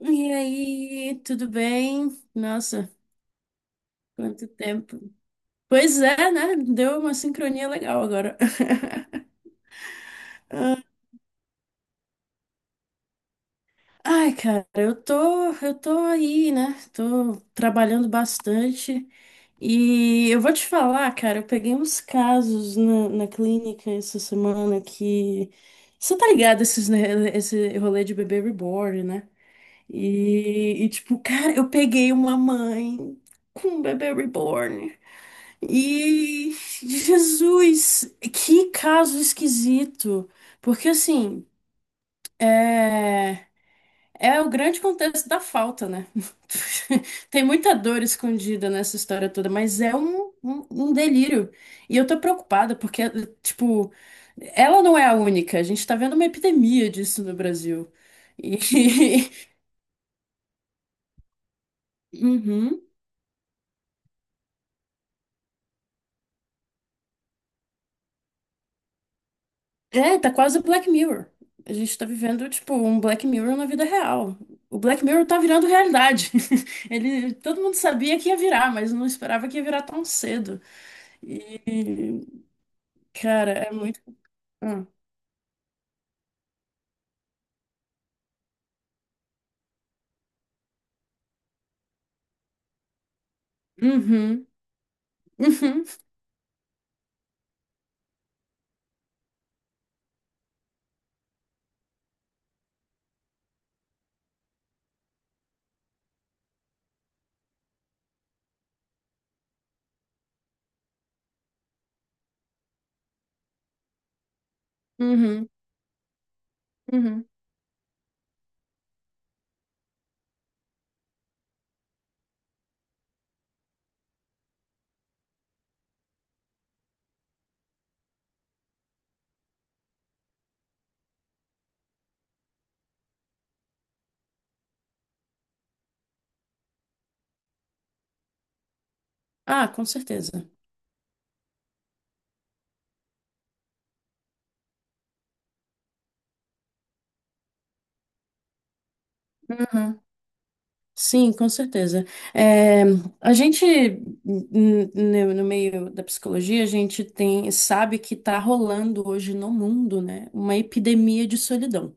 E aí, tudo bem? Nossa, quanto tempo. Pois é, né? Deu uma sincronia legal agora. Ai, cara, eu tô aí, né? Tô trabalhando bastante. E eu vou te falar, cara, eu peguei uns casos na clínica essa semana que. Você tá ligado esses, né, esse rolê de bebê reborn, né? Tipo, cara, eu peguei uma mãe com um bebê reborn. E Jesus, que caso esquisito. Porque assim, é, é o grande contexto da falta, né? Tem muita dor escondida nessa história toda, mas é um delírio. E eu tô preocupada porque, tipo, ela não é a única. A gente tá vendo uma epidemia disso no Brasil. E... Uhum. É, tá quase o Black Mirror. A gente tá vivendo, tipo, um Black Mirror na vida real. O Black Mirror tá virando realidade. Ele, todo mundo sabia que ia virar, mas não esperava que ia virar tão cedo. E, cara, é muito. Ah. Uhum, uhum, uhum, uhum. Ah, com certeza. Uhum. Sim, com certeza. É, a gente, n- n- no meio da psicologia, a gente tem, sabe que tá rolando hoje no mundo, né, uma epidemia de solidão.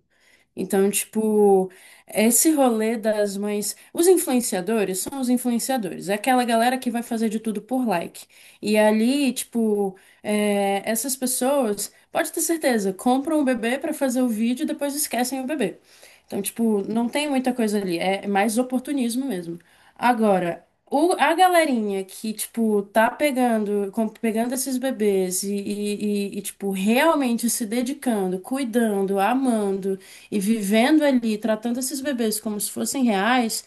Então, tipo, esse rolê das mães. Os influenciadores são os influenciadores, é aquela galera que vai fazer de tudo por like. E ali, tipo, é, essas pessoas, pode ter certeza, compram o bebê pra fazer o vídeo e depois esquecem o bebê. Então, tipo, não tem muita coisa ali, é mais oportunismo mesmo. Agora, o- a galerinha que, tipo, tá pegando, com- pegando esses bebês e, tipo, realmente se dedicando, cuidando, amando e vivendo ali, tratando esses bebês como se fossem reais,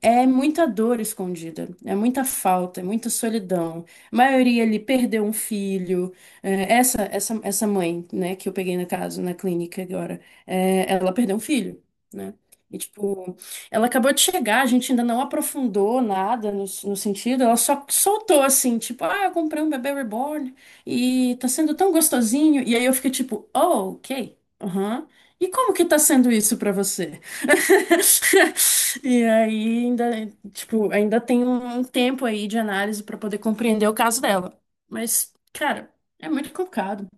é muita dor escondida, é muita falta, é muita solidão. A maioria ali perdeu um filho. É, essa mãe, né, que eu peguei na casa na clínica agora, é, ela perdeu um filho, né? E, tipo, ela acabou de chegar, a gente ainda não aprofundou nada no sentido, ela só soltou assim, tipo, ah, eu comprei um bebê reborn e tá sendo tão gostosinho. E aí eu fiquei tipo, oh, ok, aham. E como que tá sendo isso pra você? E aí ainda, tipo, ainda tem um tempo aí de análise para poder compreender o caso dela. Mas, cara, é muito complicado.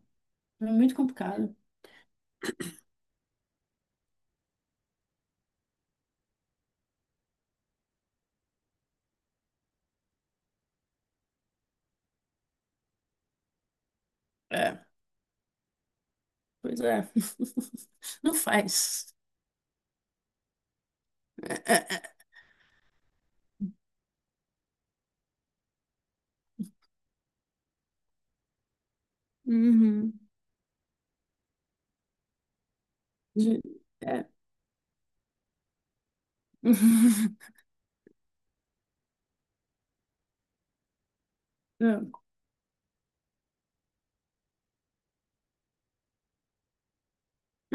É muito complicado. É, pois é. Não faz. É, é, é. Uhum. De- é. É.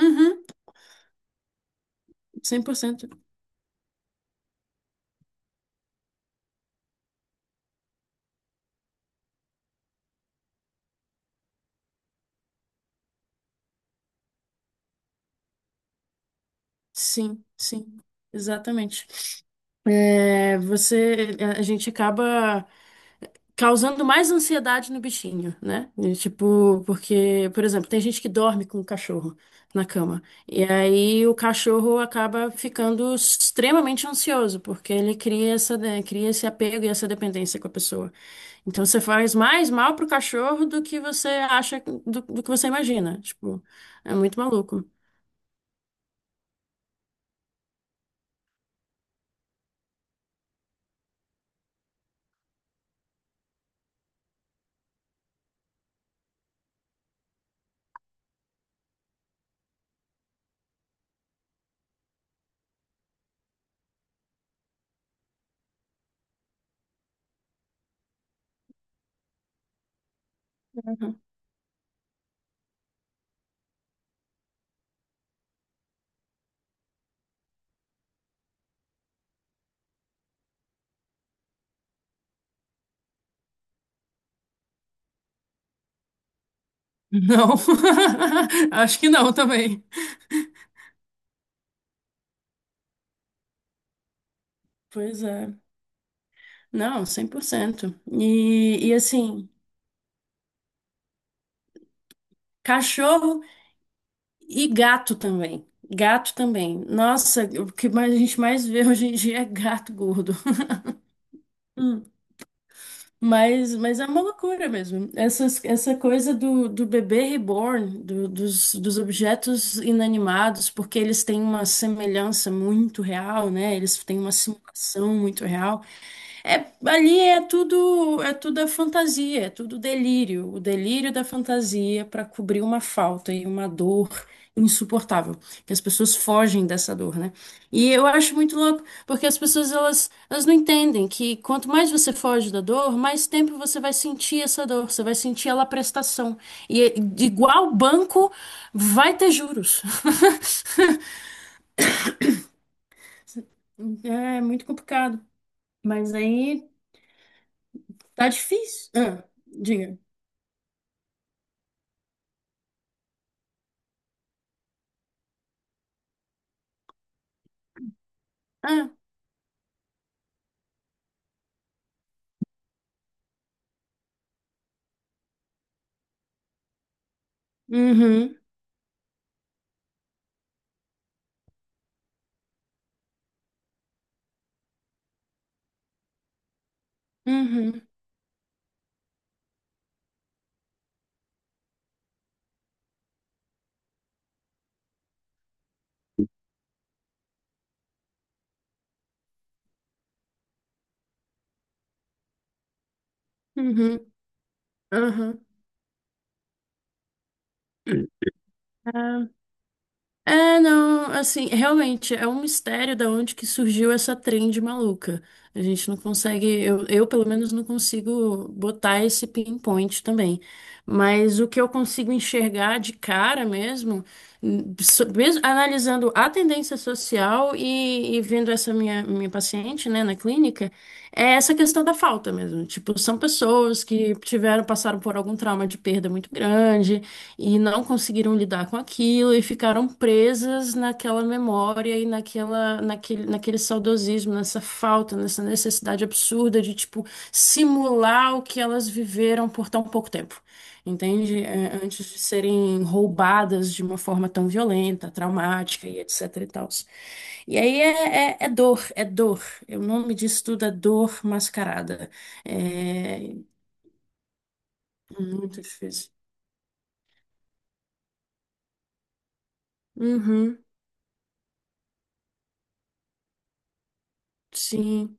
Uhum. 100%. Sim, sim. Exatamente. É, você, a gente acaba causando mais ansiedade no bichinho, né? E, tipo, porque, por exemplo, tem gente que dorme com o cachorro na cama. E aí o cachorro acaba ficando extremamente ansioso, porque ele cria essa, né, cria esse apego e essa dependência com a pessoa. Então você faz mais mal pro cachorro do que você acha, do que você imagina. Tipo, é muito maluco. Uhum. Não, acho que não também. Pois é. Não, 100%. E assim, cachorro. E gato também. Gato também. Nossa, o que mais a gente mais vê hoje em dia é gato gordo. Hum, mas é uma loucura mesmo. Essas, essa coisa do, do bebê reborn, do- dos, dos objetos inanimados, porque eles têm uma semelhança muito real, né? Eles têm uma simulação muito real. É, ali é tudo a fantasia, é tudo delírio, o delírio da fantasia para cobrir uma falta e uma dor insuportável, que as pessoas fogem dessa dor, né? E eu acho muito louco, porque as pessoas elas, elas não entendem que quanto mais você foge da dor, mais tempo você vai sentir essa dor, você vai sentir ela prestação. E é- igual banco vai ter juros. É muito complicado, mas aí tá difícil. Ah, diga. Uhum, uhum, uhum, uhum. Ah, é, não, assim, realmente é um mistério da onde que surgiu essa trend maluca. A gente não consegue, eu pelo menos não consigo botar esse pinpoint também. Mas o que eu consigo enxergar de cara mesmo, n- so- mesmo analisando a tendência social e vendo essa minha, minha paciente, né, na clínica. É essa questão da falta mesmo. Tipo, são pessoas que tiveram, passaram por algum trauma de perda muito grande e não conseguiram lidar com aquilo e ficaram presas naquela memória e naquela, naquele, naquele saudosismo, nessa falta, nessa necessidade absurda de, tipo, simular o que elas viveram por tão pouco tempo, entende? É, antes de serem roubadas de uma forma tão violenta, traumática e etc e tal. E aí é, é- é dor, é dor. É o nome disso tudo é dor mascarada. É muito difícil. Uhum, sim.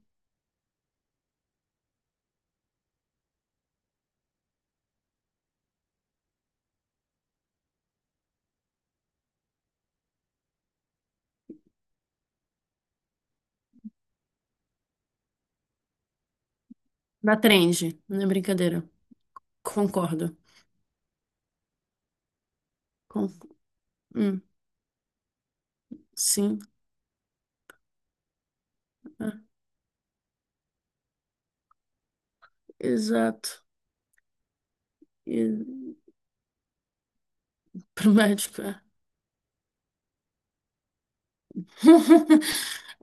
Da trend, não é brincadeira. Concordo. Con- hum, sim, ah, exato. E, pro médico. É.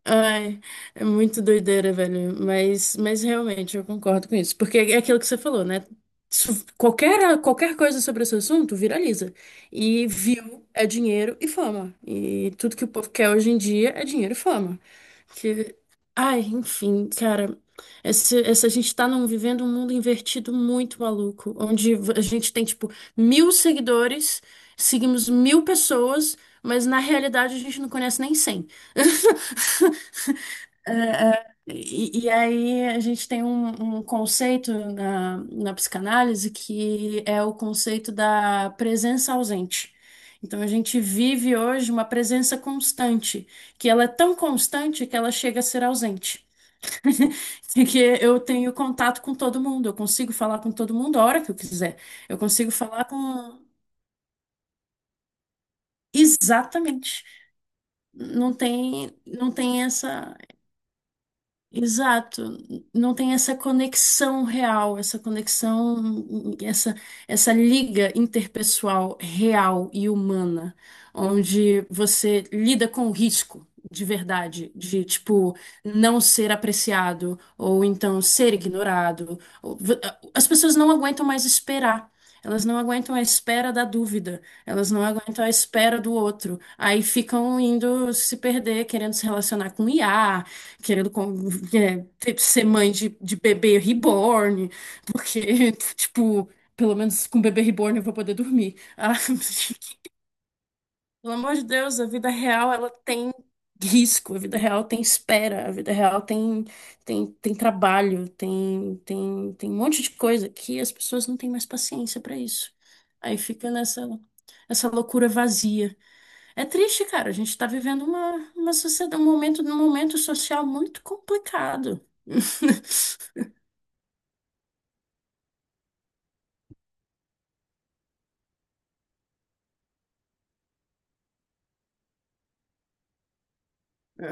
Ai, é muito doideira, velho. Mas realmente eu concordo com isso. Porque é aquilo que você falou, né? Su- qualquer, qualquer coisa sobre esse assunto viraliza. E view é dinheiro e fama. E tudo que o povo quer hoje em dia é dinheiro e fama. Que, ai, enfim, cara. Esse, a gente tá num, vivendo um mundo invertido muito maluco, onde a gente tem, tipo, mil seguidores, seguimos mil pessoas, mas na realidade a gente não conhece nem 100. E aí a gente tem um, um conceito na, na psicanálise que é o conceito da presença ausente. Então a gente vive hoje uma presença constante, que ela é tão constante que ela chega a ser ausente. Porque eu tenho contato com todo mundo, eu consigo falar com todo mundo a hora que eu quiser. Eu consigo falar com exatamente. Não tem, não tem essa. Exato, não tem essa conexão real, essa conexão, essa liga interpessoal real e humana, onde você lida com o risco de verdade, de tipo não ser apreciado ou então ser ignorado. Ou- v- as pessoas não aguentam mais esperar. Elas não aguentam a espera da dúvida, elas não aguentam a espera do outro. Aí ficam indo se perder, querendo se relacionar com IA, querendo com- é, ter- ser mãe de bebê reborn, porque, tipo, pelo menos com bebê reborn eu vou poder dormir. Ah, pelo amor de Deus, a vida real, ela tem risco, a vida real tem espera, a vida real tem, tem, tem trabalho, tem, tem, tem um monte de coisa que as pessoas não têm mais paciência pra isso. Aí fica nessa, essa loucura vazia. É triste, cara. A gente está vivendo uma sociedade, um momento social muito complicado. É,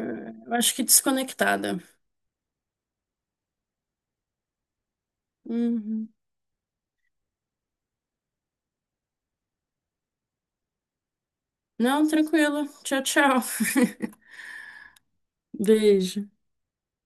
eu acho que desconectada. Uhum. Não, tranquilo. Tchau, tchau. Beijo.